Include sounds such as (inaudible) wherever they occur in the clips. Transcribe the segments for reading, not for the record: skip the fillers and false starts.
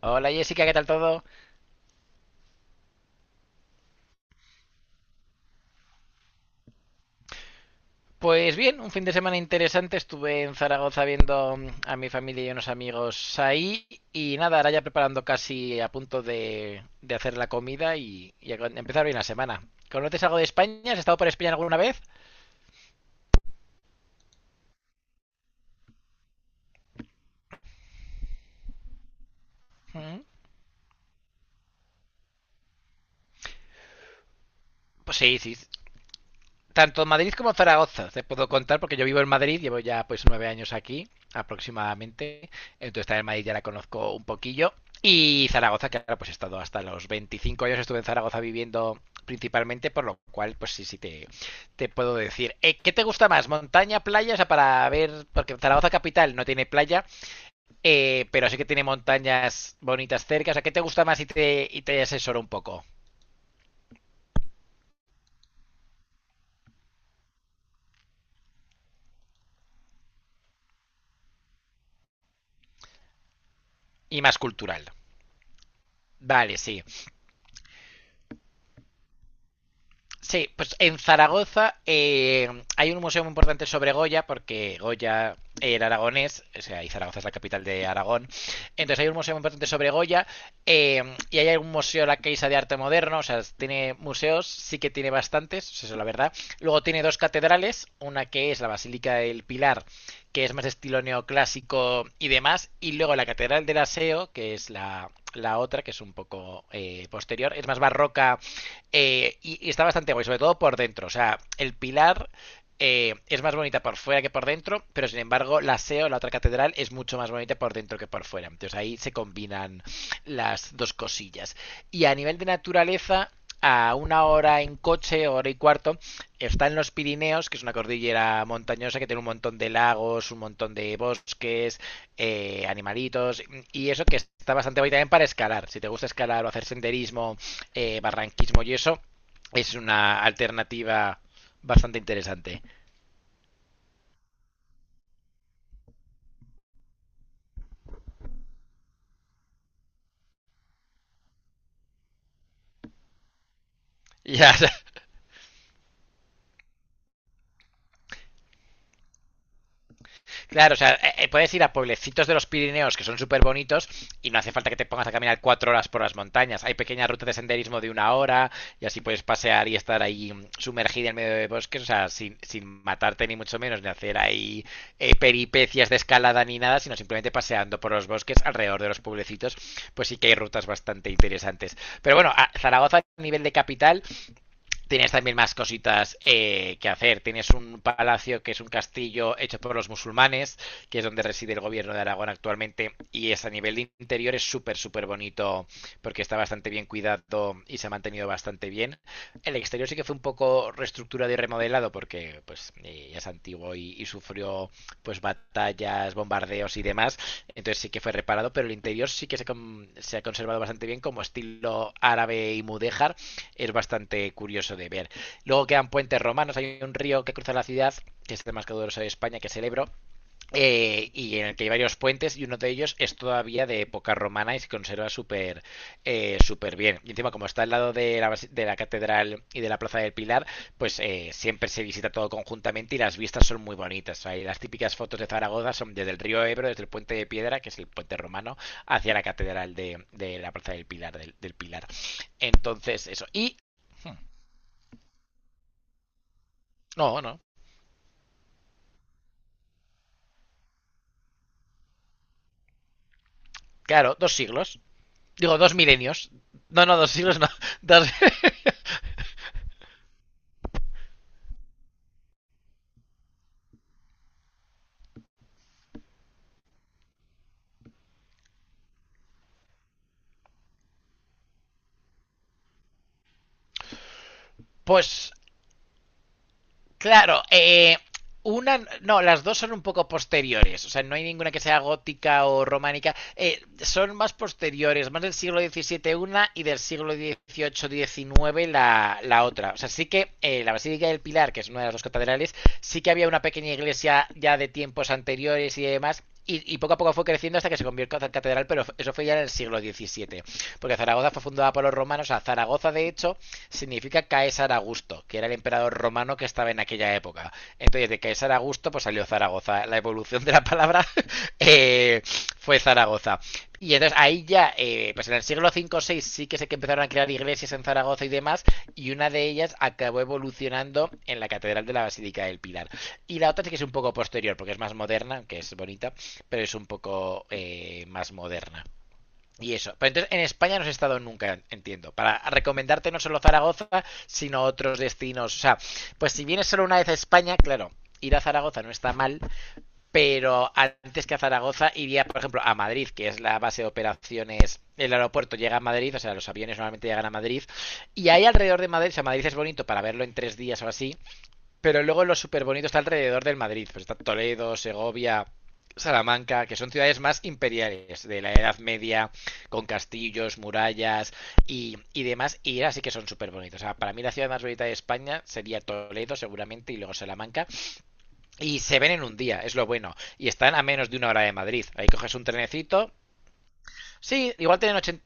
Hola Jessica, ¿qué tal todo? Pues bien, un fin de semana interesante. Estuve en Zaragoza viendo a mi familia y unos amigos ahí. Y nada, ahora ya preparando casi a punto de hacer la comida y empezar bien la semana. ¿Conoces algo de España? ¿Has estado por España alguna vez? Ujú. Pues sí, sí, tanto Madrid como Zaragoza, te puedo contar, porque yo vivo en Madrid, llevo ya pues nueve años aquí aproximadamente, entonces también Madrid ya la conozco un poquillo, y Zaragoza, que ahora pues he estado hasta los 25 años, estuve en Zaragoza viviendo principalmente, por lo cual pues sí, sí te puedo decir. ¿Qué te gusta más? ¿Montaña, playa? O sea, para ver, porque Zaragoza capital no tiene playa, pero sí que tiene montañas bonitas cerca, o sea, ¿qué te gusta más y te asesoro un poco? Y más cultural. Vale, sí. Sí, pues en Zaragoza hay un museo muy importante sobre Goya, porque Goya era aragonés, o sea, y Zaragoza es la capital de Aragón. Entonces hay un museo muy importante sobre Goya, eh, y hay un museo La Caixa de Arte Moderno, o sea, tiene museos, sí que tiene bastantes, eso es la verdad. Luego tiene dos catedrales, una que es la Basílica del Pilar, que es más estilo neoclásico y demás, y luego la Catedral del Aseo, que es la otra, que es un poco posterior, es más barroca y está bastante guay, sobre todo por dentro. O sea, el pilar es más bonita por fuera que por dentro, pero sin embargo, la SEO, la otra catedral, es mucho más bonita por dentro que por fuera. Entonces ahí se combinan las dos cosillas. Y a nivel de naturaleza, a una hora en coche, hora y cuarto, está en los Pirineos, que es una cordillera montañosa que tiene un montón de lagos, un montón de bosques, animalitos, y eso que está bastante bien también para escalar. Si te gusta escalar o hacer senderismo, barranquismo y eso, es una alternativa bastante interesante. (laughs) Ya, claro, o sea, puedes ir a pueblecitos de los Pirineos que son súper bonitos y no hace falta que te pongas a caminar cuatro horas por las montañas. Hay pequeñas rutas de senderismo de una hora y así puedes pasear y estar ahí sumergida en medio de bosques, o sea, sin matarte ni mucho menos, ni hacer ahí peripecias de escalada ni nada, sino simplemente paseando por los bosques alrededor de los pueblecitos, pues sí que hay rutas bastante interesantes. Pero bueno, a Zaragoza a nivel de capital tienes también más cositas que hacer. Tienes un palacio que es un castillo hecho por los musulmanes, que es donde reside el gobierno de Aragón actualmente. Y es a nivel de interior es súper, súper bonito porque está bastante bien cuidado y se ha mantenido bastante bien. El exterior sí que fue un poco reestructurado y remodelado porque pues ya es antiguo y sufrió pues batallas, bombardeos y demás. Entonces sí que fue reparado, pero el interior sí que se ha conservado bastante bien como estilo árabe y mudéjar es bastante curioso de ver. Luego quedan puentes romanos, hay un río que cruza la ciudad, que es el más caudaloso de España, que es el Ebro, y en el que hay varios puentes y uno de ellos es todavía de época romana y se conserva súper súper bien. Y encima como está al lado de de la catedral y de la plaza del Pilar, pues siempre se visita todo conjuntamente y las vistas son muy bonitas. Hay las típicas fotos de Zaragoza son desde el río Ebro, desde el puente de piedra, que es el puente romano, hacia la catedral de la plaza del Pilar, del Pilar. Entonces eso. Hmm, No, no. Claro, dos siglos. Digo, dos milenios. No, no, dos siglos no. (laughs) Dos- Pues Claro, una, no, las dos son un poco posteriores, o sea, no hay ninguna que sea gótica o románica, son más posteriores, más del siglo XVII una y del siglo XVIII-XIX la otra. O sea, sí que la Basílica del Pilar, que es una de las dos catedrales, sí que había una pequeña iglesia ya de tiempos anteriores y demás, y poco a poco fue creciendo hasta que se convirtió en catedral, pero eso fue ya en el siglo XVII, porque Zaragoza fue fundada por los romanos, o sea, Zaragoza de hecho significa Caesar Augusto, que era el emperador romano que estaba en aquella época. Entonces, de Caesar Augusto, pues salió Zaragoza. La evolución de la palabra (laughs) eh, fue Zaragoza. Y entonces ahí ya, pues en el siglo V o VI sí que sé que empezaron a crear iglesias en Zaragoza y demás, y una de ellas acabó evolucionando en la Catedral de la Basílica del Pilar. Y la otra sí que es un poco posterior, porque es más moderna, que es bonita, pero es un poco más moderna. Y eso. Pero entonces en España no has estado nunca, entiendo. Para recomendarte no solo Zaragoza, sino otros destinos. O sea, pues si vienes solo una vez a España, claro, ir a Zaragoza no está mal, pero antes que a Zaragoza iría, por ejemplo, a Madrid, que es la base de operaciones. El aeropuerto llega a Madrid, o sea, los aviones normalmente llegan a Madrid. Y ahí alrededor de Madrid, o sea, Madrid es bonito para verlo en tres días o así. Pero luego lo súper bonito está alrededor del Madrid. Pues está Toledo, Segovia, Salamanca, que son ciudades más imperiales de la Edad Media, con castillos, murallas y demás. Y así que son súper bonitos. O sea, para mí la ciudad más bonita de España sería Toledo, seguramente, y luego Salamanca. Y se ven en un día, es lo bueno. Y están a menos de una hora de Madrid. Ahí coges un trenecito. Sí, igual tienen 80.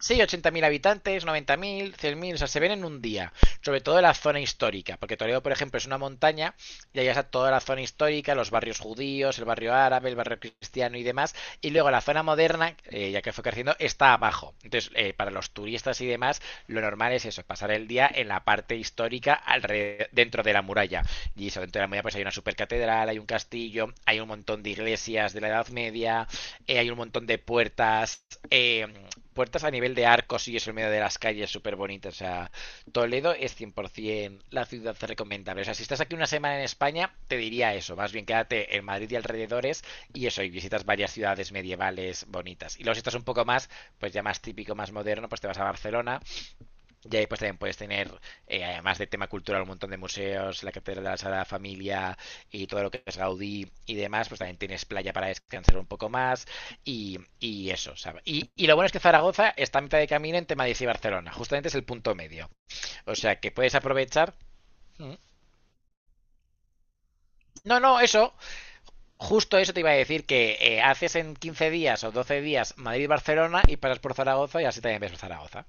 Sí, 80.000 habitantes, 90.000, mil, o sea, se ven en un día, sobre todo en la zona histórica, porque Toledo, por ejemplo, es una montaña y ahí está toda la zona histórica, los barrios judíos, el barrio árabe, el barrio cristiano y demás, y luego la zona moderna, ya que fue creciendo, está abajo. Entonces, para los turistas y demás, lo normal es eso, pasar el día en la parte histórica alrededor, dentro de la muralla. Y eso, dentro de la muralla pues hay una supercatedral, hay un castillo, hay un montón de iglesias de la Edad Media, hay un montón de puertas, eh, puertas a nivel de arcos y eso en medio de las calles, súper bonito. O sea, Toledo es 100% la ciudad recomendable. O sea, si estás aquí una semana en España, te diría eso. Más bien quédate en Madrid y alrededores y eso, y visitas varias ciudades medievales bonitas. Y luego si estás un poco más, pues ya más típico, más moderno, pues te vas a Barcelona y ahí pues también puedes tener, además de tema cultural, un montón de museos, la Catedral de la Sagrada Familia y todo lo que es Gaudí y demás, pues también tienes playa para descansar un poco más y eso, ¿sabes? Y lo bueno es que Zaragoza está a mitad de camino entre Madrid y Barcelona, justamente es el punto medio. O sea que puedes aprovechar... No, no, eso, justo eso te iba a decir, que haces en 15 días o 12 días Madrid-Barcelona y pasas por Zaragoza y así también ves Zaragoza.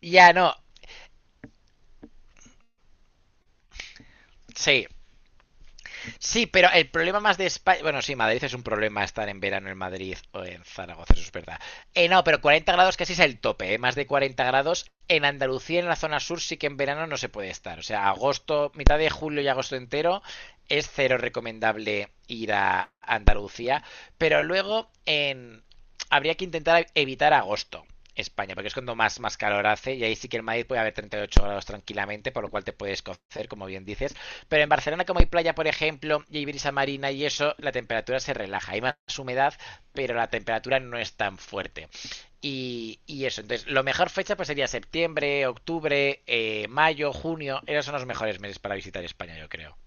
Ya no, sí, sí, pero el problema más de España. Bueno, sí, Madrid es un problema estar en verano en Madrid o en Zaragoza, eso es verdad. No, pero 40 grados casi es el tope, ¿eh? Más de 40 grados. En Andalucía, en la zona sur, sí que en verano no se puede estar. O sea, agosto, mitad de julio y agosto entero, es cero recomendable ir a Andalucía. Pero luego en... habría que intentar evitar agosto. España, porque es cuando más calor hace y ahí sí que en Madrid puede haber 38 grados tranquilamente, por lo cual te puedes cocer, como bien dices, pero en Barcelona, como hay playa, por ejemplo, y hay brisa marina y eso, la temperatura se relaja. Hay más humedad, pero la temperatura no es tan fuerte. Y eso, entonces, lo mejor fecha pues sería septiembre, octubre, mayo, junio. Esos son los mejores meses para visitar España, yo creo.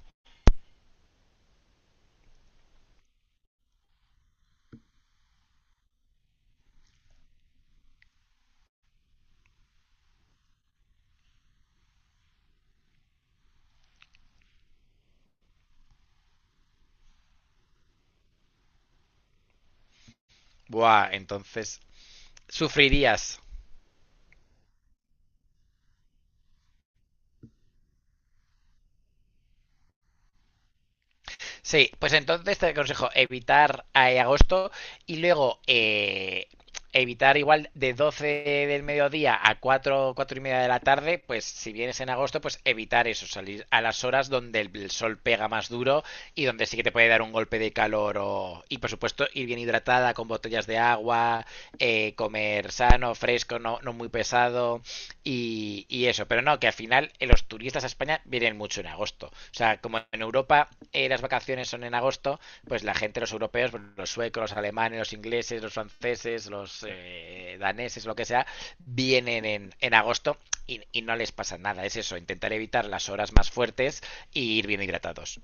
Buah, entonces, sufrirías. Sí, pues entonces te aconsejo evitar agosto y luego evitar igual de 12 del mediodía a 4 4 y media de la tarde, pues si vienes en agosto, pues evitar eso, salir a las horas donde el sol pega más duro y donde sí que te puede dar un golpe de calor o... y por supuesto ir bien hidratada con botellas de agua, comer sano, fresco, no muy pesado, y eso, pero no, que al final los turistas a España vienen mucho en agosto. O sea, como en Europa las vacaciones son en agosto, pues la gente, los europeos, pues, los suecos, los alemanes, los ingleses, los franceses, los daneses, lo que sea, vienen en agosto y no les pasa nada. Es eso, intentar evitar las horas más fuertes e ir bien hidratados.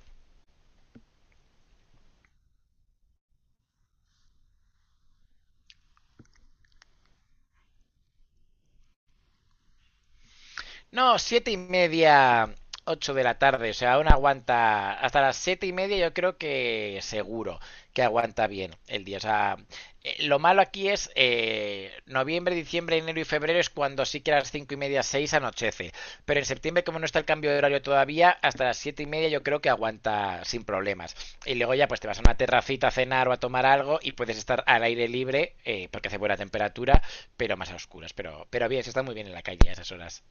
No, siete y media, ocho de la tarde. O sea, aún aguanta. Hasta las siete y media, yo creo que seguro que aguanta bien el día. O sea, lo malo aquí es noviembre, diciembre, enero y febrero es cuando sí que a las cinco y media, seis anochece. Pero en septiembre, como no está el cambio de horario todavía, hasta las siete y media yo creo que aguanta sin problemas. Y luego ya pues te vas a una terracita a cenar o a tomar algo y puedes estar al aire libre porque hace buena temperatura, pero más a oscuras. Pero bien, se está muy bien en la calle a esas horas.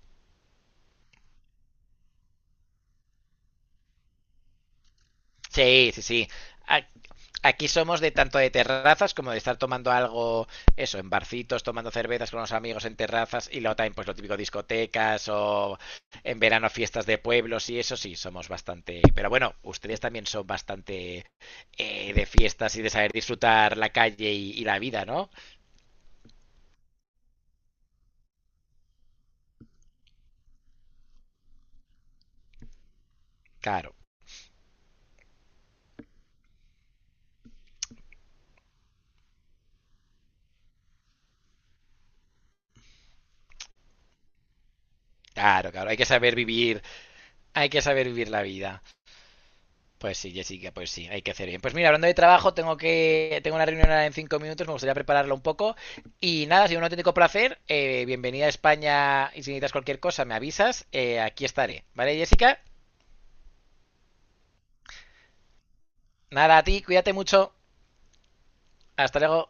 Sí, sí, sí. A- Aquí somos de tanto de terrazas como de estar tomando algo, eso, en barcitos, tomando cervezas con los amigos en terrazas y luego también pues lo típico discotecas o en verano fiestas de pueblos y eso sí, somos bastante... Pero bueno, ustedes también son bastante de fiestas y de saber disfrutar la calle y la vida, ¿no? Claro, claro, claro. Hay que saber vivir, hay que saber vivir la vida. Pues sí, Jessica, pues sí, hay que hacer bien. Pues mira, hablando de trabajo, tengo una reunión ahora en cinco minutos, me gustaría prepararlo un poco. Y nada, ha sido un auténtico placer. Bienvenida a España y si necesitas cualquier cosa, me avisas. Aquí estaré. ¿Vale, Jessica? Nada, a ti, cuídate mucho. Hasta luego.